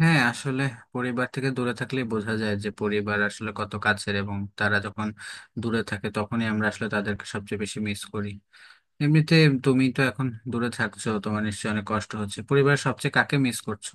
হ্যাঁ, আসলে পরিবার থেকে দূরে থাকলে বোঝা যায় যে পরিবার আসলে কত কাছের, এবং তারা যখন দূরে থাকে তখনই আমরা আসলে তাদেরকে সবচেয়ে বেশি মিস করি। এমনিতে তুমি তো এখন দূরে থাকছো, তোমার নিশ্চয়ই অনেক কষ্ট হচ্ছে। পরিবারের সবচেয়ে কাকে মিস করছো?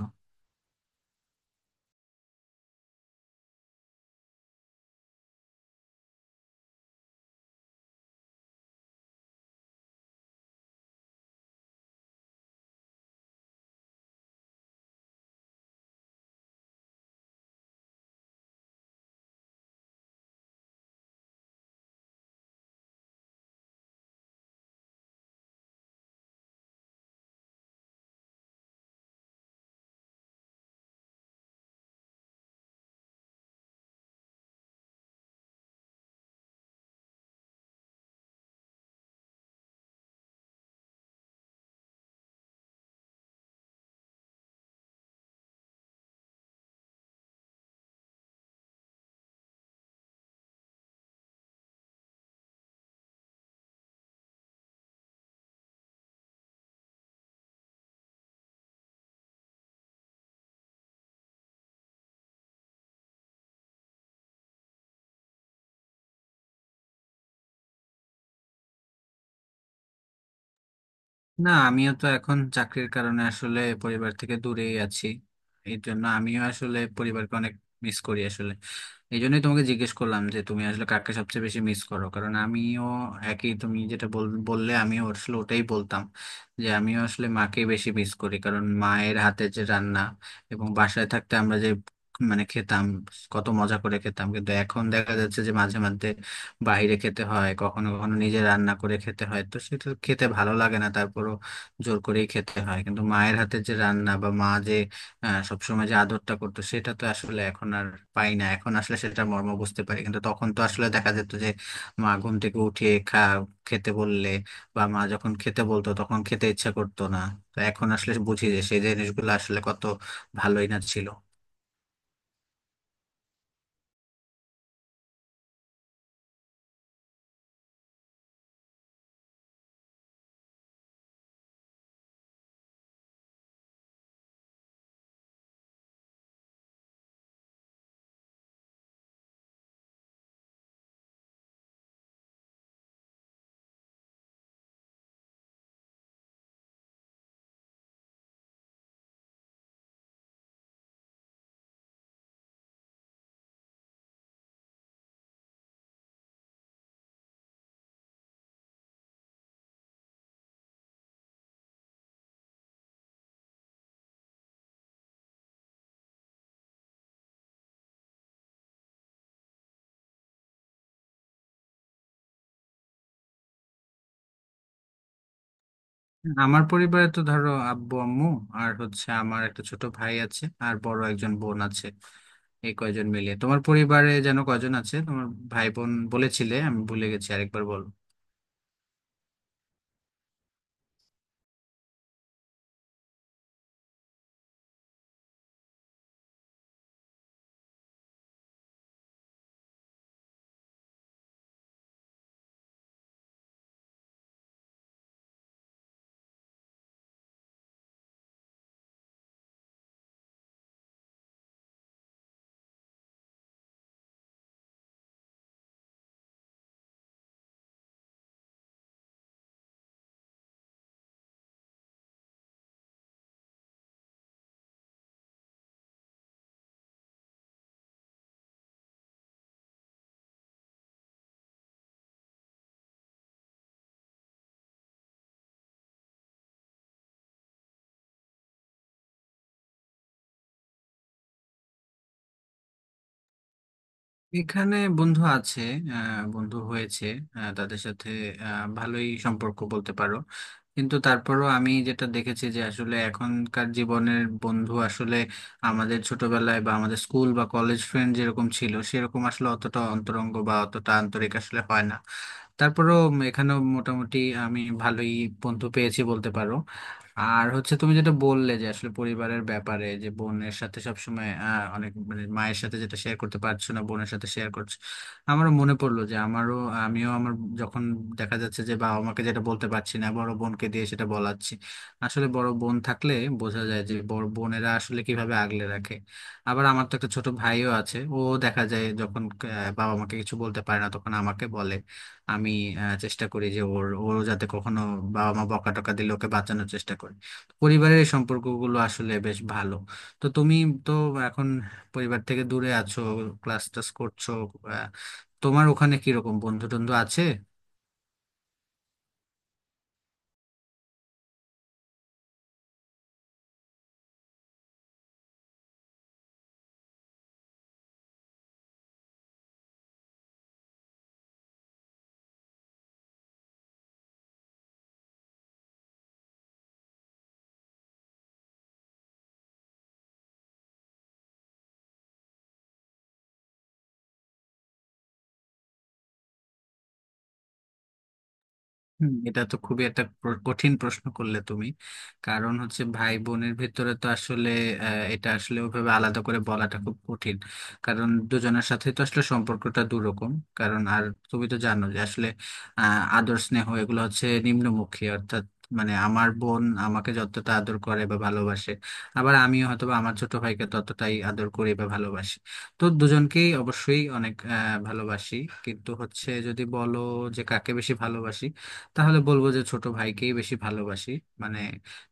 না, আমিও তো এখন চাকরির কারণে আসলে পরিবার থেকে দূরেই আছি, এই জন্য আমিও আসলে পরিবারকে অনেক মিস করি আসলে। এই জন্যই তোমাকে জিজ্ঞেস করলাম যে তুমি আসলে কাকে সবচেয়ে বেশি মিস করো, কারণ আমিও একই। তুমি যেটা বললে আমিও আসলে ওটাই বলতাম, যে আমিও আসলে মাকে বেশি মিস করি। কারণ মায়ের হাতে যে রান্না, এবং বাসায় থাকতে আমরা যে মানে খেতাম, কত মজা করে খেতাম, কিন্তু এখন দেখা যাচ্ছে যে মাঝে মধ্যে বাইরে খেতে হয়, কখনো কখনো নিজে রান্না করে খেতে হয়, তো সেটা খেতে ভালো লাগে না, তারপরও জোর করেই খেতে হয়। কিন্তু মায়ের হাতের যে রান্না বা মা যে সবসময় যে আদরটা করতো, সেটা তো আসলে এখন আর পাই না। এখন আসলে সেটা মর্ম বুঝতে পারি, কিন্তু তখন তো আসলে দেখা যেত যে মা ঘুম থেকে উঠিয়ে খেতে বললে, বা মা যখন খেতে বলতো তখন খেতে ইচ্ছা করতো না। তো এখন আসলে বুঝি যে সেই জিনিসগুলো আসলে কত ভালোই না ছিল। আমার পরিবারে তো ধরো আব্বু আম্মু, আর হচ্ছে আমার একটা ছোট ভাই আছে আর বড় একজন বোন আছে, এই কয়জন মিলিয়ে। তোমার পরিবারে যেন কয়জন আছে? তোমার ভাই বোন বলেছিলে, আমি ভুলে গেছি, আরেকবার বলো। এখানে বন্ধু আছে, বন্ধু হয়েছে, তাদের সাথে ভালোই সম্পর্ক বলতে পারো। কিন্তু তারপরও আমি যেটা দেখেছি, যে আসলে এখনকার জীবনের বন্ধু আসলে আমাদের ছোটবেলায় বা আমাদের স্কুল বা কলেজ ফ্রেন্ড যেরকম ছিল, সেরকম আসলে অতটা অন্তরঙ্গ বা অতটা আন্তরিক আসলে হয় না। তারপরেও এখানেও মোটামুটি আমি ভালোই বন্ধু পেয়েছি বলতে পারো। আর হচ্ছে তুমি যেটা বললে, যে আসলে পরিবারের ব্যাপারে, যে বোনের সাথে সবসময় অনেক, মানে মায়ের সাথে যেটা শেয়ার করতে পারছো না বোনের সাথে শেয়ার করছো, আমারও মনে পড়লো যে আমারও, আমিও আমার, যখন দেখা যাচ্ছে যে বাবা মাকে যেটা বলতে পারছি না, বড় বোনকে দিয়ে সেটা বলাচ্ছি। আসলে বড় বোন থাকলে বোঝা যায় যে বড় বোনেরা আসলে কিভাবে আগলে রাখে। আবার আমার তো একটা ছোট ভাইও আছে, ও দেখা যায় যখন বাবা মাকে কিছু বলতে পারে না তখন আমাকে বলে। আমি চেষ্টা করি যে ওরও যাতে কখনো বাবা মা বকা টকা দিলে ওকে বাঁচানোর চেষ্টা করি। পরিবারের এই সম্পর্কগুলো আসলে বেশ ভালো। তো তুমি তো এখন পরিবার থেকে দূরে আছো, ক্লাস টাস করছো, আহ, তোমার ওখানে কিরকম বন্ধু টন্ধু আছে? এটা তো খুবই একটা কঠিন প্রশ্ন করলে তুমি। কারণ হচ্ছে ভাই বোনের ভিতরে তো আসলে এটা আসলে ওভাবে আলাদা করে বলাটা খুব কঠিন, কারণ দুজনের সাথে তো আসলে সম্পর্কটা দুরকম। কারণ আর তুমি তো জানো যে আসলে আদর স্নেহ এগুলো হচ্ছে নিম্নমুখী, অর্থাৎ মানে আমার বোন আমাকে যতটা আদর করে বা ভালোবাসে, আবার আমিও হয়তো বা আমার ছোট ভাইকে ততটাই আদর করি বা ভালোবাসি। তো দুজনকেই অবশ্যই অনেক ভালোবাসি। কিন্তু হচ্ছে যদি বলো যে কাকে বেশি ভালোবাসি, তাহলে বলবো যে ছোট ভাইকেই বেশি ভালোবাসি, মানে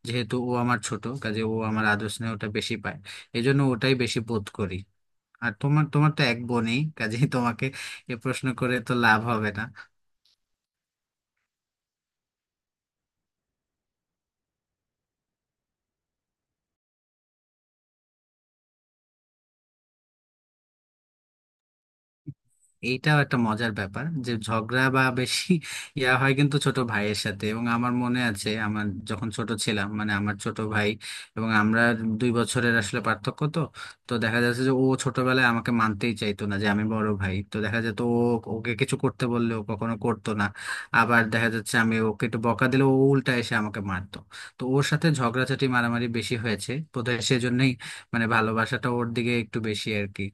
যেহেতু ও আমার ছোট, কাজে ও আমার আদর স্নেহটা বেশি পায়, এজন্য ওটাই বেশি বোধ করি। আর তোমার তোমার তো এক বোনই, কাজেই তোমাকে এ প্রশ্ন করে তো লাভ হবে না। এইটাও একটা মজার ব্যাপার যে ঝগড়া বা বেশি হয় কিন্তু ছোট ভাইয়ের সাথে। এবং আমার মনে আছে, আমার যখন ছোট ছিলাম, মানে আমার ছোট ভাই এবং আমরা 2 বছরের আসলে পার্থক্য তো। তো দেখা যাচ্ছে যে ও ছোটবেলায় আমাকে মানতেই চাইতো না যে আমি বড় ভাই, তো দেখা যেত ও, ওকে কিছু করতে বললে ও কখনো করতো না। আবার দেখা যাচ্ছে আমি ওকে একটু বকা দিলে ও উল্টা এসে আমাকে মারতো। তো ওর সাথে ঝগড়াঝাটি মারামারি বেশি হয়েছে, বোধহয় সেজন্যই মানে ভালোবাসাটা ওর দিকে একটু বেশি আর কি।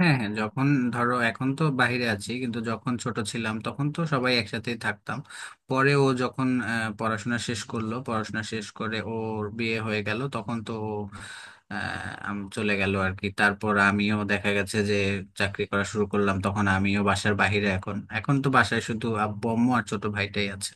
হ্যাঁ, হ্যাঁ, যখন ধরো এখন তো বাইরে আছি, কিন্তু যখন ছোট ছিলাম তখন তো সবাই একসাথেই থাকতাম। পরে ও যখন পড়াশোনা শেষ করলো, পড়াশোনা শেষ করে ওর বিয়ে হয়ে গেল তখন তো ও, চলে গেল আর কি। তারপর আমিও দেখা গেছে যে চাকরি করা শুরু করলাম, তখন আমিও বাসার বাইরে। এখন এখন তো বাসায় শুধু আব্বু আম্মু আর ছোট ভাইটাই আছে।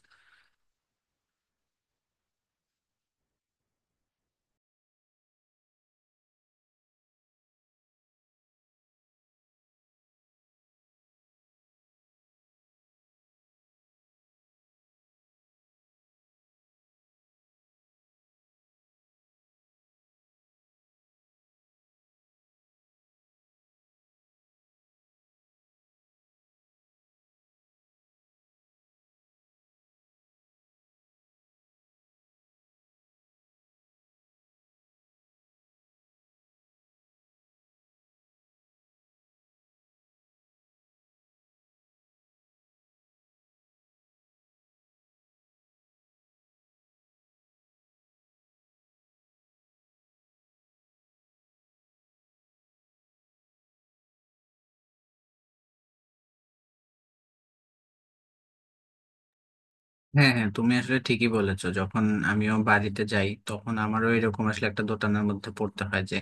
হ্যাঁ, হ্যাঁ, তুমি আসলে ঠিকই বলেছো। যখন আমিও বাড়িতে যাই তখন আমারও এরকম আসলে একটা দোটানার মধ্যে পড়তে হয়, যে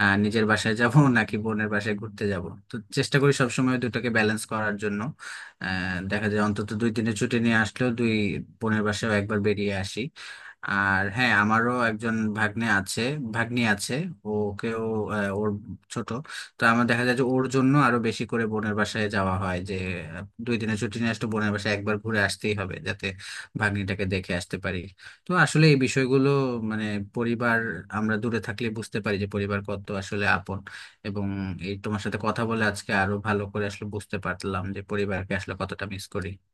নিজের বাসায় যাব নাকি বোনের বাসায় ঘুরতে যাব। তো চেষ্টা করি সবসময় দুটাকে ব্যালেন্স করার জন্য। আহ, দেখা যায় অন্তত 2 দিনের ছুটি নিয়ে আসলেও দুই বোনের বাসায়ও একবার বেরিয়ে আসি। আর হ্যাঁ, আমারও একজন ভাগ্নে আছে, ভাগ্নি আছে। ওকেও ওর ছোট, তো আমার দেখা যায় যে ওর জন্য আরো বেশি করে বোনের বাসায় যাওয়া হয়, যে 2 দিনের ছুটি নিয়ে আসলে বোনের বাসায় একবার ঘুরে আসতেই হবে, যাতে ভাগ্নিটাকে দেখে আসতে পারি। তো আসলে এই বিষয়গুলো, মানে পরিবার, আমরা দূরে থাকলে বুঝতে পারি যে পরিবার কত আসলে আপন। এবং এই তোমার সাথে কথা বলে আজকে আরো ভালো করে আসলে বুঝতে পারলাম যে পরিবারকে আসলে কতটা মিস করি।